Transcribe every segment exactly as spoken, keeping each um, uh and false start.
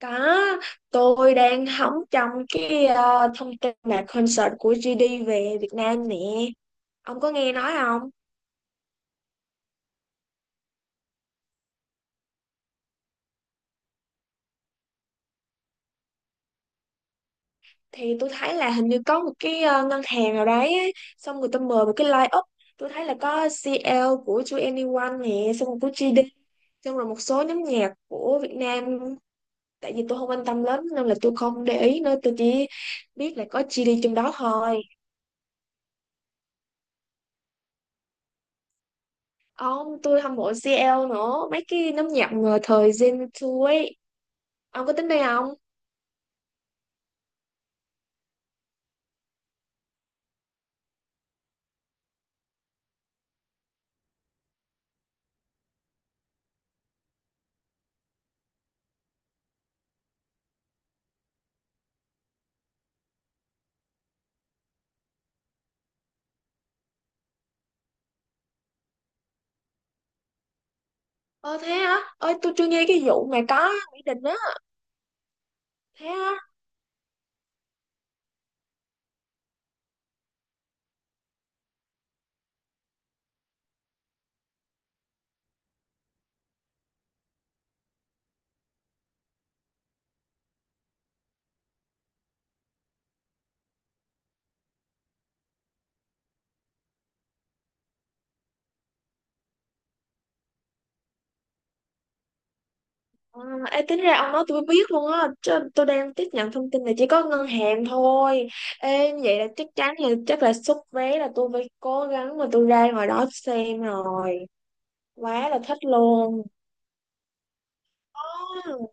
Có, tôi đang hóng trong cái ờ, thông tin mà concert của gi đi về Việt Nam nè. Ông có nghe nói không? Thì tôi thấy là hình như có một cái ờ, ngân hàng nào đấy ấy, xong người ta mời một cái line-up. Tôi thấy là có xi eo của tu ni oăn nè, xong rồi của gi đi, xong rồi một số nhóm nhạc của Việt Nam. Tại vì tôi không quan tâm lắm nên là tôi không để ý nữa, tôi chỉ biết là có gi đi trong đó thôi. Ông, tôi hâm mộ xi eo nữa, mấy cái nhóm nhạc mà thời Gen 2 ấy. Ông có tính đi không? Ờ thế hả? Ơi, tôi chưa nghe cái vụ mà có Mỹ Đình á. Thế hả? À, ê, tính ra ông nói tôi mới biết luôn á. Chứ tôi đang tiếp nhận thông tin là chỉ có ngân hàng thôi. Ê, vậy là chắc chắn là chắc là xuất vé là tôi phải cố gắng mà tôi ra ngoài đó xem rồi. Quá là thích luôn. Ờ,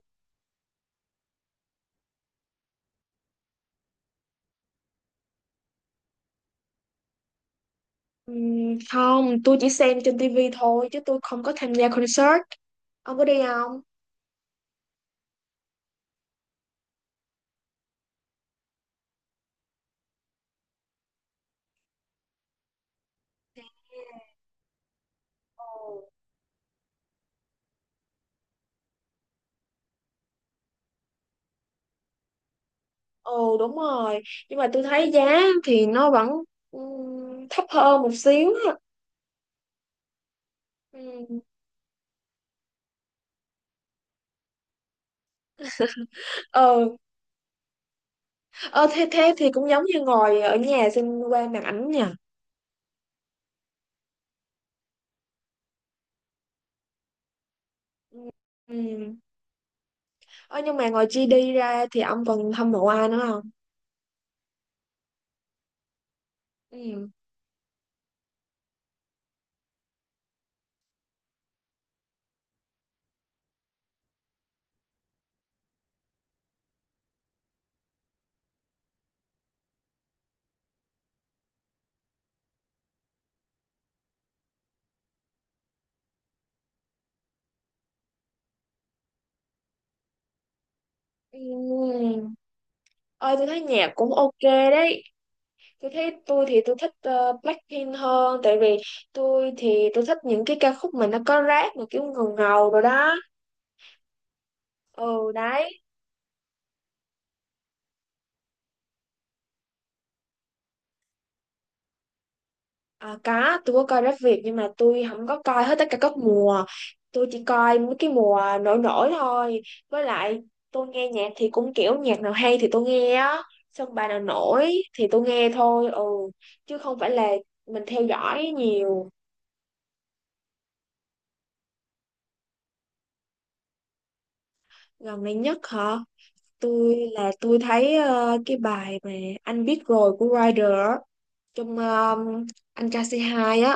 ừm, không, tôi chỉ xem trên tivi thôi chứ tôi không có tham gia concert. Ông có đi không? Ừ, đúng rồi, nhưng mà tôi thấy giá thì nó vẫn ừm, thấp hơn một xíu á. Ừ. ờ ờ thế thế thì cũng giống như ngồi ở nhà xem qua màn ảnh nha. Ừ. Ừ. ờ nhưng mà ngoài gi đi ra thì ông còn hâm mộ ai nữa không? Ừ. Ừ. Ôi tôi thấy nhạc cũng ok đấy. Tôi thấy tôi thì tôi thích ờ, Blackpink hơn. Tại vì tôi thì tôi thích những cái ca khúc mà nó có rap mà kiểu ngầu ngầu rồi đó. Ừ, đấy. À, có, tôi có coi Rap Việt nhưng mà tôi không có coi hết tất cả các mùa. Tôi chỉ coi mấy cái mùa nổi nổi thôi. Với lại tôi nghe nhạc thì cũng kiểu nhạc nào hay thì tôi nghe á. Xong bài nào nổi thì tôi nghe thôi. Ừ. Chứ không phải là mình theo dõi nhiều. Gần đây nhất hả? tôi là tôi thấy ờ, cái bài mà anh biết rồi của Rider á, trong ờ, anh kc hai á.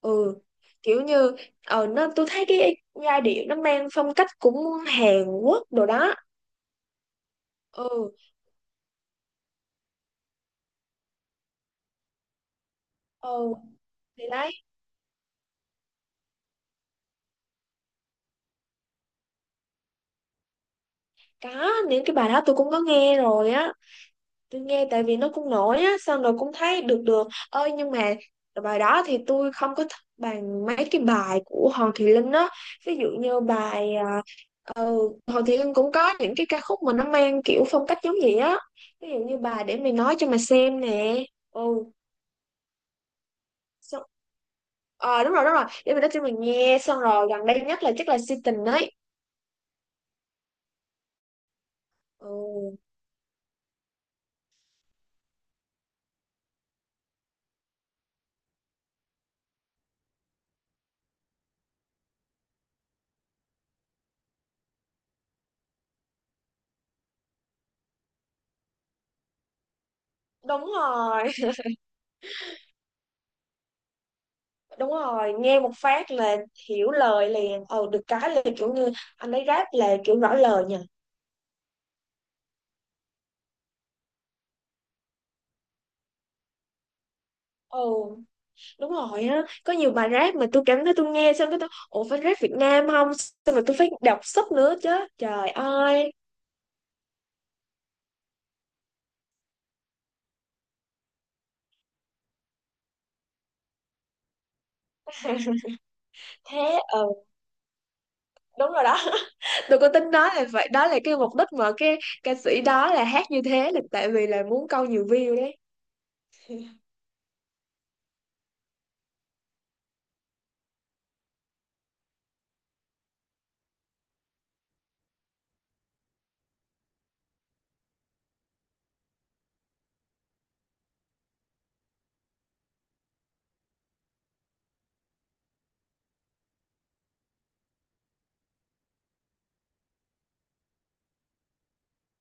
Ừ, kiểu như ờ nó tôi thấy cái giai điệu nó mang phong cách cũng Hàn Quốc đồ đó. Ừ ừ thì đấy, có những cái bài đó tôi cũng có nghe rồi á. Tôi nghe tại vì nó cũng nổi á, xong rồi cũng thấy được được ơi, nhưng mà bài đó thì tôi không có thích bằng mấy cái bài của Hoàng Thùy Linh á, ví dụ như bài ờ, Ừ, Hoàng Thị Linh cũng có những cái ca khúc mà nó mang kiểu phong cách giống vậy á, ví dụ như bà để mày nói cho mà xem nè. Ừ, xong ờ đúng rồi đúng rồi để mày nói cho mình nghe, xong rồi gần đây nhất là chắc là si tình ấy. Ừ, đúng rồi. đúng rồi, nghe một phát là hiểu lời liền. Ừ, được cái là kiểu như anh ấy rap là kiểu rõ lời nha. Ừ, đúng rồi á, có nhiều bài rap mà tôi cảm thấy tôi nghe xong cái tôi ủa phải rap Việt Nam không, xong rồi tôi phải đọc sub nữa chứ, trời ơi. thế ừ, đúng rồi đó. tôi có tính nói là vậy đó là cái mục đích mà cái ca sĩ đó là hát như thế là tại vì là muốn câu nhiều view đấy.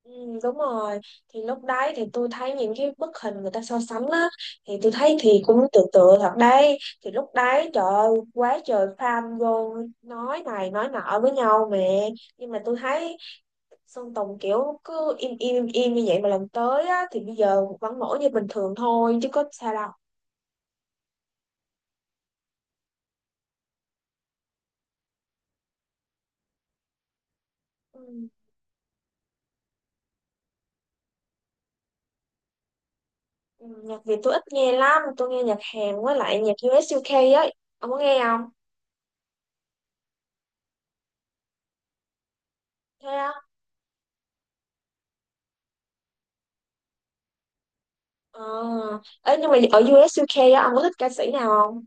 Ừ, đúng rồi. Thì lúc đấy thì tôi thấy những cái bức hình người ta so sánh á, thì tôi thấy thì cũng tự tự thật đấy. Thì lúc đấy trời ơi, quá trời fan vô, nói này nói nọ với nhau mẹ, nhưng mà tôi thấy Sơn Tùng kiểu cứ im im im im như vậy mà lần tới á thì bây giờ vẫn nổi như bình thường thôi chứ có sao đâu. Ừ. Ừ, nhạc Việt tôi ít nghe lắm, tôi nghe nhạc Hàn với lại nhạc u ét u UK ấy. Ông có nghe không? Thế á? Ờ. Ấy nhưng mà ở u ét u UK á, ông có thích ca sĩ nào không?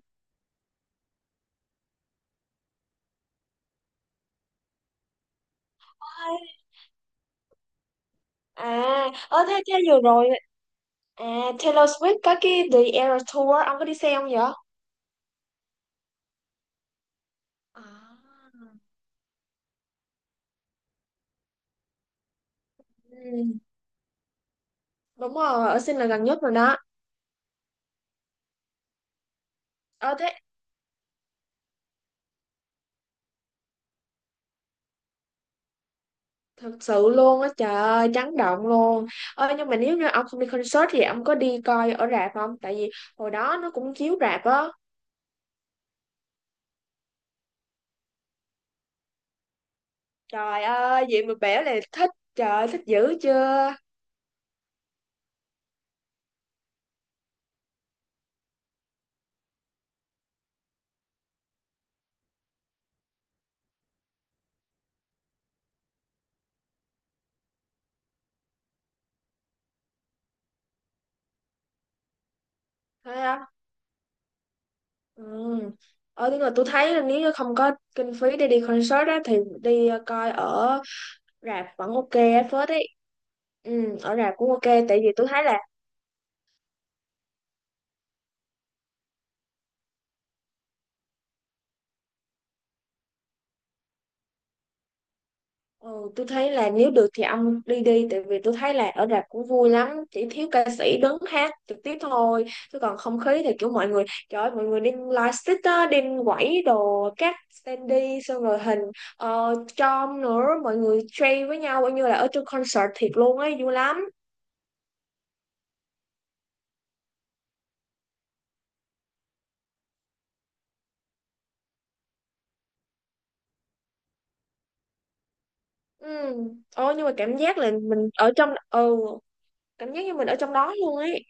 Ai? À, ờ thế thế vừa rồi, à, Taylor Swift có cái The Eras Tour, ông có đi xem không vậy? À. Ừ, đúng rồi, ở sinh là gần nhất rồi đó. Ờ thế thật sự luôn á, trời ơi, chấn động luôn. Ờ nhưng mà nếu như ông không đi concert thì ông có đi coi ở rạp không? Tại vì hồi đó nó cũng chiếu rạp á. Trời ơi, diện được bẻ này thích, trời ơi, thích dữ chưa? Thấy không? Ừ. Ờ, tức là tôi thấy là nếu như không có kinh phí để đi concert á, thì đi ờ, coi ở rạp vẫn ok á, phết ấy. Ừ, ở rạp cũng ok, tại vì tôi thấy là ừ, tôi thấy là nếu được thì ông đi đi, tại vì tôi thấy là ở rạp cũng vui lắm, chỉ thiếu ca sĩ đứng hát trực tiếp thôi, chứ còn không khí thì kiểu mọi người trời ơi, mọi người đem lightstick á, đem quẩy đồ các standee, xong rồi hình ờ, chom nữa, mọi người trade với nhau coi như là ở trong concert thiệt luôn ấy, vui lắm. Ừ. Ồ, nhưng mà cảm giác là mình ở trong, ừ, cảm giác như mình ở trong đó luôn ấy.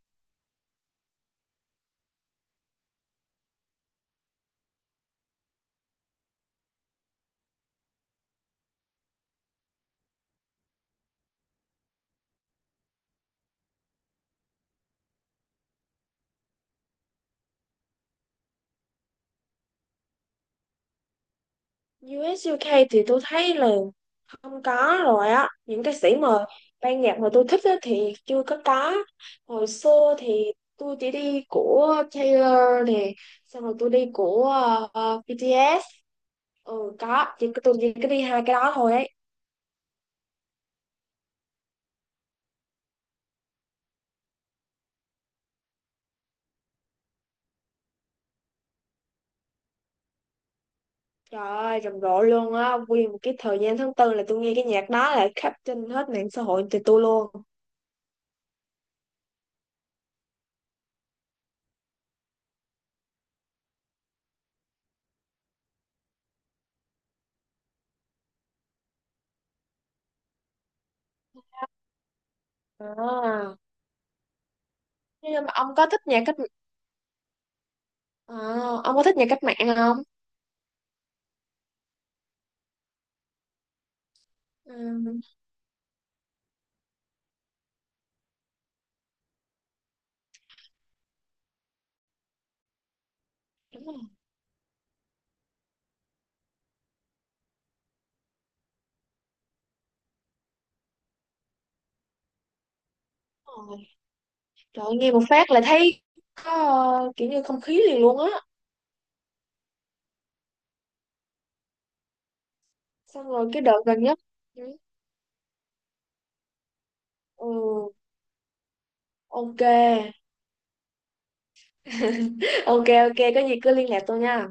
U ét u UK thì tôi thấy là không có rồi á, những ca sĩ mà ban nhạc mà tôi thích á, thì chưa có có Hồi xưa thì tôi chỉ đi của Taylor nè, xong rồi tôi đi của ờ, ờ, bi ti ét. Ừ có, chỉ tôi chỉ có đi hai cái đó thôi ấy. Trời ơi rầm rộ luôn á, nguyên một cái thời gian tháng tư là tôi nghe cái nhạc đó là khắp trên hết mạng xã hội thì tôi luôn. À. nhưng mà ông có thích nhạc cách À, ông có thích nhạc cách mạng không? Ừ, đúng rồi. Đúng. Trời ơi, nghe một phát là thấy có ờ, kiểu như không khí liền luôn á. Xong rồi cái đợt gần nhất. Ừ, ok. Ok, ok, có gì cứ liên lạc tôi nha.